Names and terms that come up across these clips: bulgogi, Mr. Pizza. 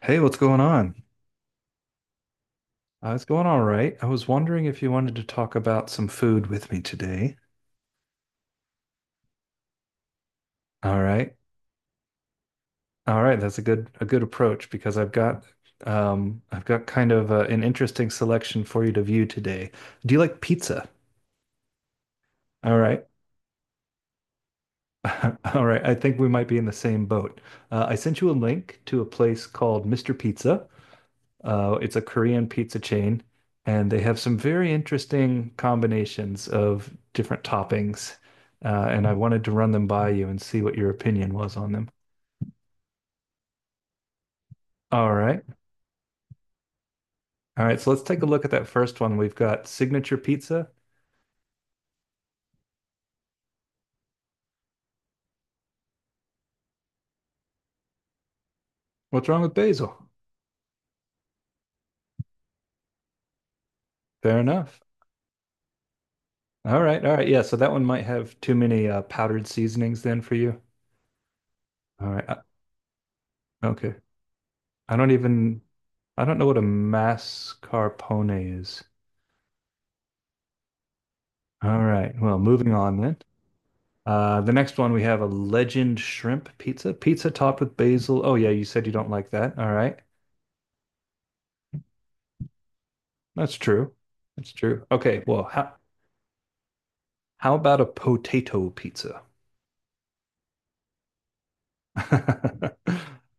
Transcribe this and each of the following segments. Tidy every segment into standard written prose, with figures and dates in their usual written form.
Hey, what's going on? It's going all right. I was wondering if you wanted to talk about some food with me today. All right. All right, that's a good approach because I've got kind of an interesting selection for you to view today. Do you like pizza? All right. All right. I think we might be in the same boat. I sent you a link to a place called Mr. Pizza. It's a Korean pizza chain, and they have some very interesting combinations of different toppings. And I wanted to run them by you and see what your opinion was on them. All right. All right. So let's take a look at that first one. We've got signature pizza. What's wrong with basil? Fair enough. All right. All right. Yeah. So that one might have too many powdered seasonings then for you. All right. Okay. I don't even, I don't know what a mascarpone is. All right. Well, moving on then. The next one we have a legend shrimp pizza. Pizza topped with basil. Oh yeah, you said you don't like that. All right. That's true. That's true. Okay, well, how about a potato pizza?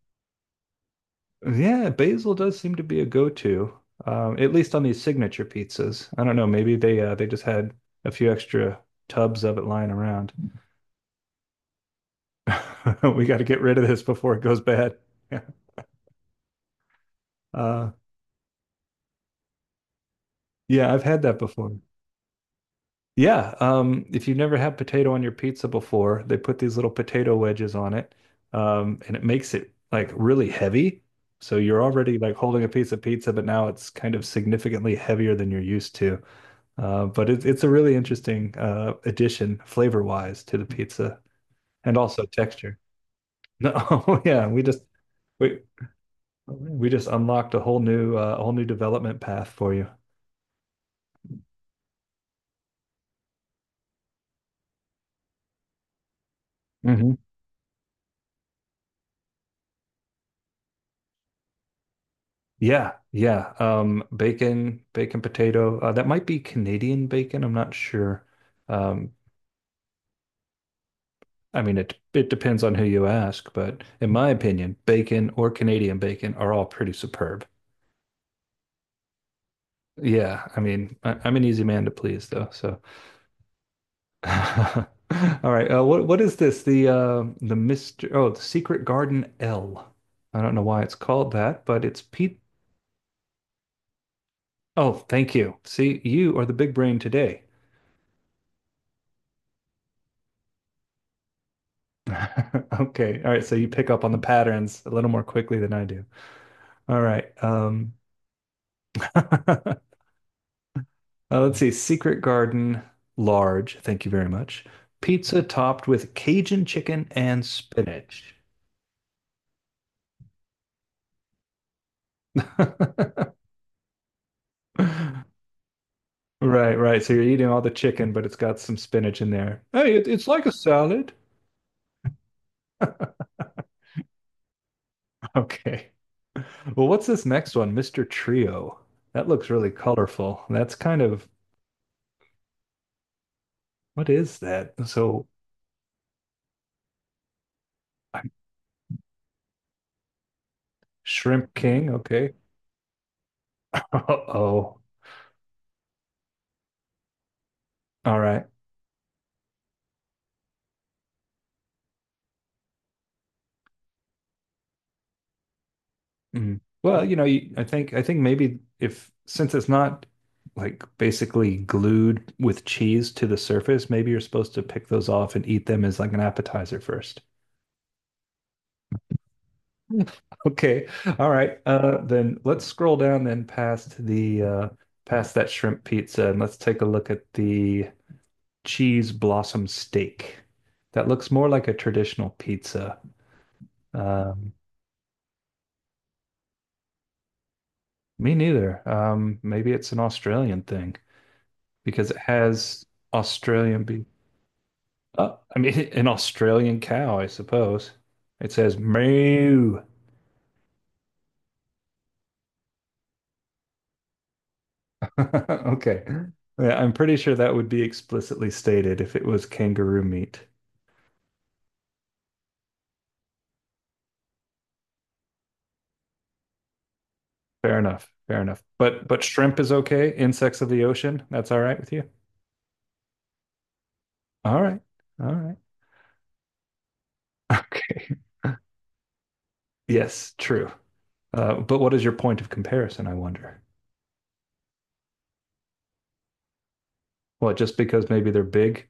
Yeah, basil does seem to be a go-to, at least on these signature pizzas. I don't know, maybe they just had a few extra tubs of it lying around. We got to get rid of this before it goes bad. Uh, yeah, I've had that before. Yeah, if you've never had potato on your pizza before, they put these little potato wedges on it, and it makes it like really heavy. So you're already like holding a piece of pizza, but now it's kind of significantly heavier than you're used to. But it's a really interesting addition flavor-wise to the pizza and also texture. No, yeah, we we just unlocked a whole new development path for you. Yeah, yeah. Bacon, bacon potato. That might be Canadian bacon. I'm not sure. Um, I mean, it depends on who you ask, but in my opinion, bacon or Canadian bacon are all pretty superb. Yeah, I mean, I'm an easy man to please, though. So, all right. What is this? The Mr. Oh, the Secret Garden L. I don't know why it's called that, but it's Pete. Oh, thank you. See, you are the big brain today. Okay. All right. So you pick up on the patterns a little more quickly than I do. All right. Uh, let's see. Secret Garden, large. Thank you very much. Pizza topped with Cajun chicken and spinach. Right, right. So you're eating all the chicken, but it's got some spinach in there. Hey, it's like a salad. Okay. Well, what's this next one? Mr. Trio. That looks really colorful. That's kind of what is that? So I Shrimp King. Okay. Uh-oh. All right. Mm. Well, I think maybe if since it's not like basically glued with cheese to the surface, maybe you're supposed to pick those off and eat them as like an appetizer first. Okay. All right. Then let's scroll down then past that shrimp pizza and let's take a look at the cheese blossom steak. That looks more like a traditional pizza. Um, Me neither. Maybe it's an Australian thing because it has Australian beef. I mean, an Australian cow, I suppose. It says moo. Okay. Yeah, I'm pretty sure that would be explicitly stated if it was kangaroo meat. Fair enough. Fair enough. But shrimp is okay. Insects of the ocean, that's all right with you. All right. All right. Okay. Yes, true. But what is your point of comparison, I wonder? Well, just because maybe they're big?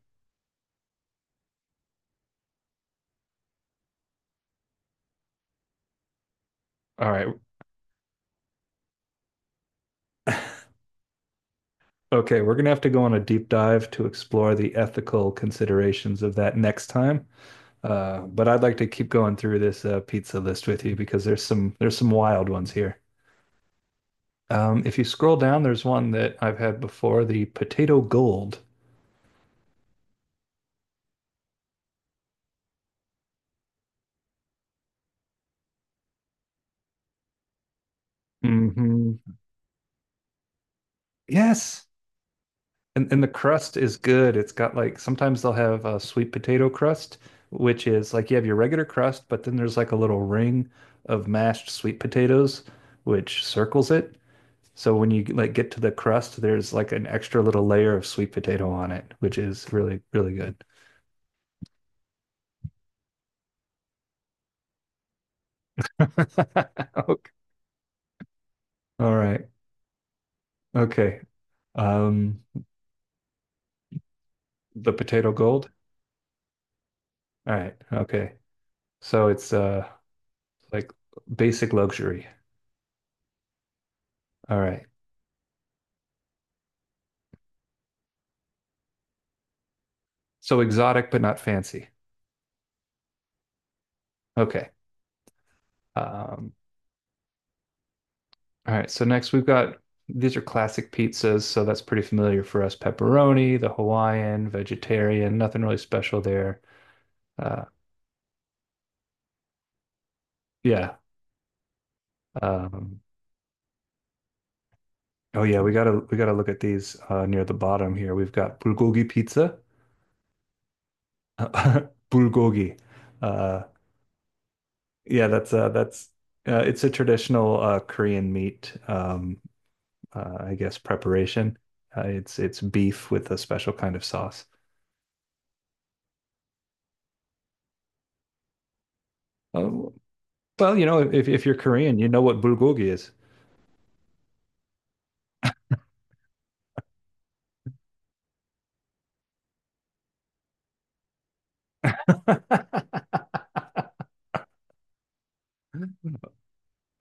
All right. Okay, we're gonna have to go on a deep dive to explore the ethical considerations of that next time. But I'd like to keep going through this pizza list with you because there's some wild ones here. If you scroll down, there's one that I've had before, the potato gold. Hmm. Yes, and the crust is good. It's got like sometimes they'll have a sweet potato crust, which is like you have your regular crust, but then there's like a little ring of mashed sweet potatoes, which circles it. So when you like get to the crust, there's like an extra little layer of sweet potato on it, which is really, really good. Okay. All right. Okay. Um, the potato gold. All right. Okay. So it's like basic luxury. All right. So exotic but not fancy. Okay. Um, all right. So next we've got these are classic pizzas, so that's pretty familiar for us. Pepperoni, the Hawaiian, vegetarian, nothing really special there. Uh, yeah. Um, Oh yeah, we gotta look at these near the bottom here. We've got bulgogi pizza, bulgogi. Uh, yeah, that's it's a traditional Korean meat, I guess preparation. It's beef with a special kind of sauce. Uh, well, you know, if you're Korean, you know what bulgogi is.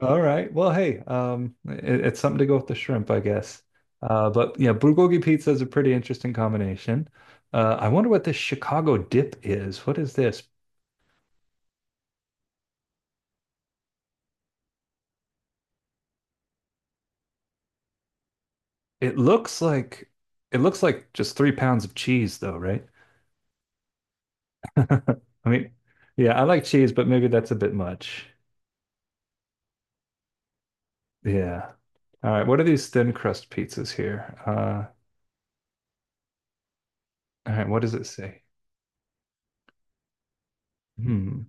All right. Well, hey, it's something to go with the shrimp, I guess. But yeah, bulgogi pizza is a pretty interesting combination. I wonder what this Chicago dip is. What is this? It looks like it looks like just 3 pounds of cheese, though, right? I mean, yeah, I like cheese, but maybe that's a bit much. Yeah. All right. What are these thin crust pizzas here? All right. What does it say? Hmm.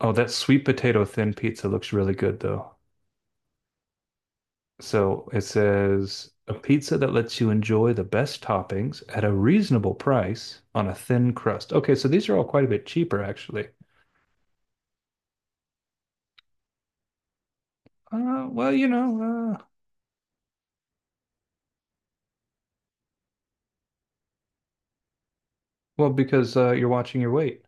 Oh, that sweet potato thin pizza looks really good, though. So it says a pizza that lets you enjoy the best toppings at a reasonable price on a thin crust. Okay, so these are all quite a bit cheaper, actually. Uh, well, you know, uh, well, because you're watching your weight.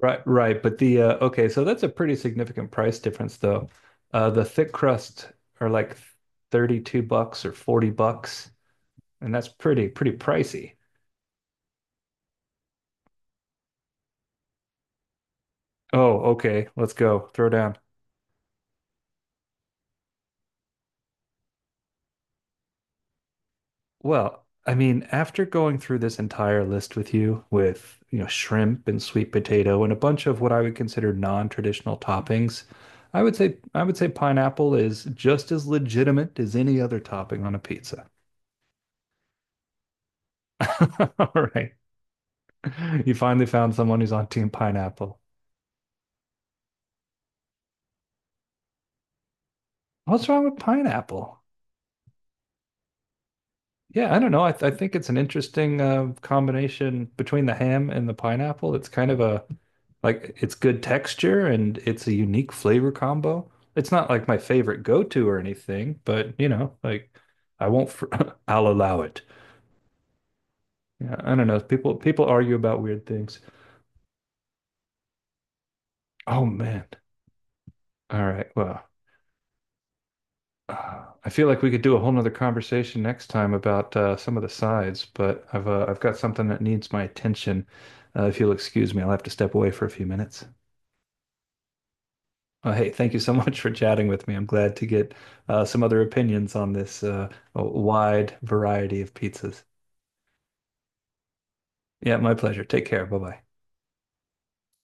Right, right. But the okay, so that's a pretty significant price difference, though. The thick crust are like 32 bucks or 40 bucks, and that's pretty, pretty pricey. Oh, okay, let's go. Throw down. Well, I mean, after going through this entire list with, you know, shrimp and sweet potato and a bunch of what I would consider non-traditional toppings, I would say pineapple is just as legitimate as any other topping on a pizza. All right. You finally found someone who's on team pineapple. What's wrong with pineapple? Yeah, I don't know. I think it's an interesting combination between the ham and the pineapple. It's kind of a like it's good texture and it's a unique flavor combo. It's not like my favorite go-to or anything, but you know, like I won't fr I'll allow it. Yeah, I don't know. People argue about weird things. Oh man. All right. Well. I feel like we could do a whole nother conversation next time about some of the sides, but I've got something that needs my attention. If you'll excuse me, I'll have to step away for a few minutes. Hey, thank you so much for chatting with me. I'm glad to get some other opinions on this wide variety of pizzas. Yeah, my pleasure. Take care. Bye bye.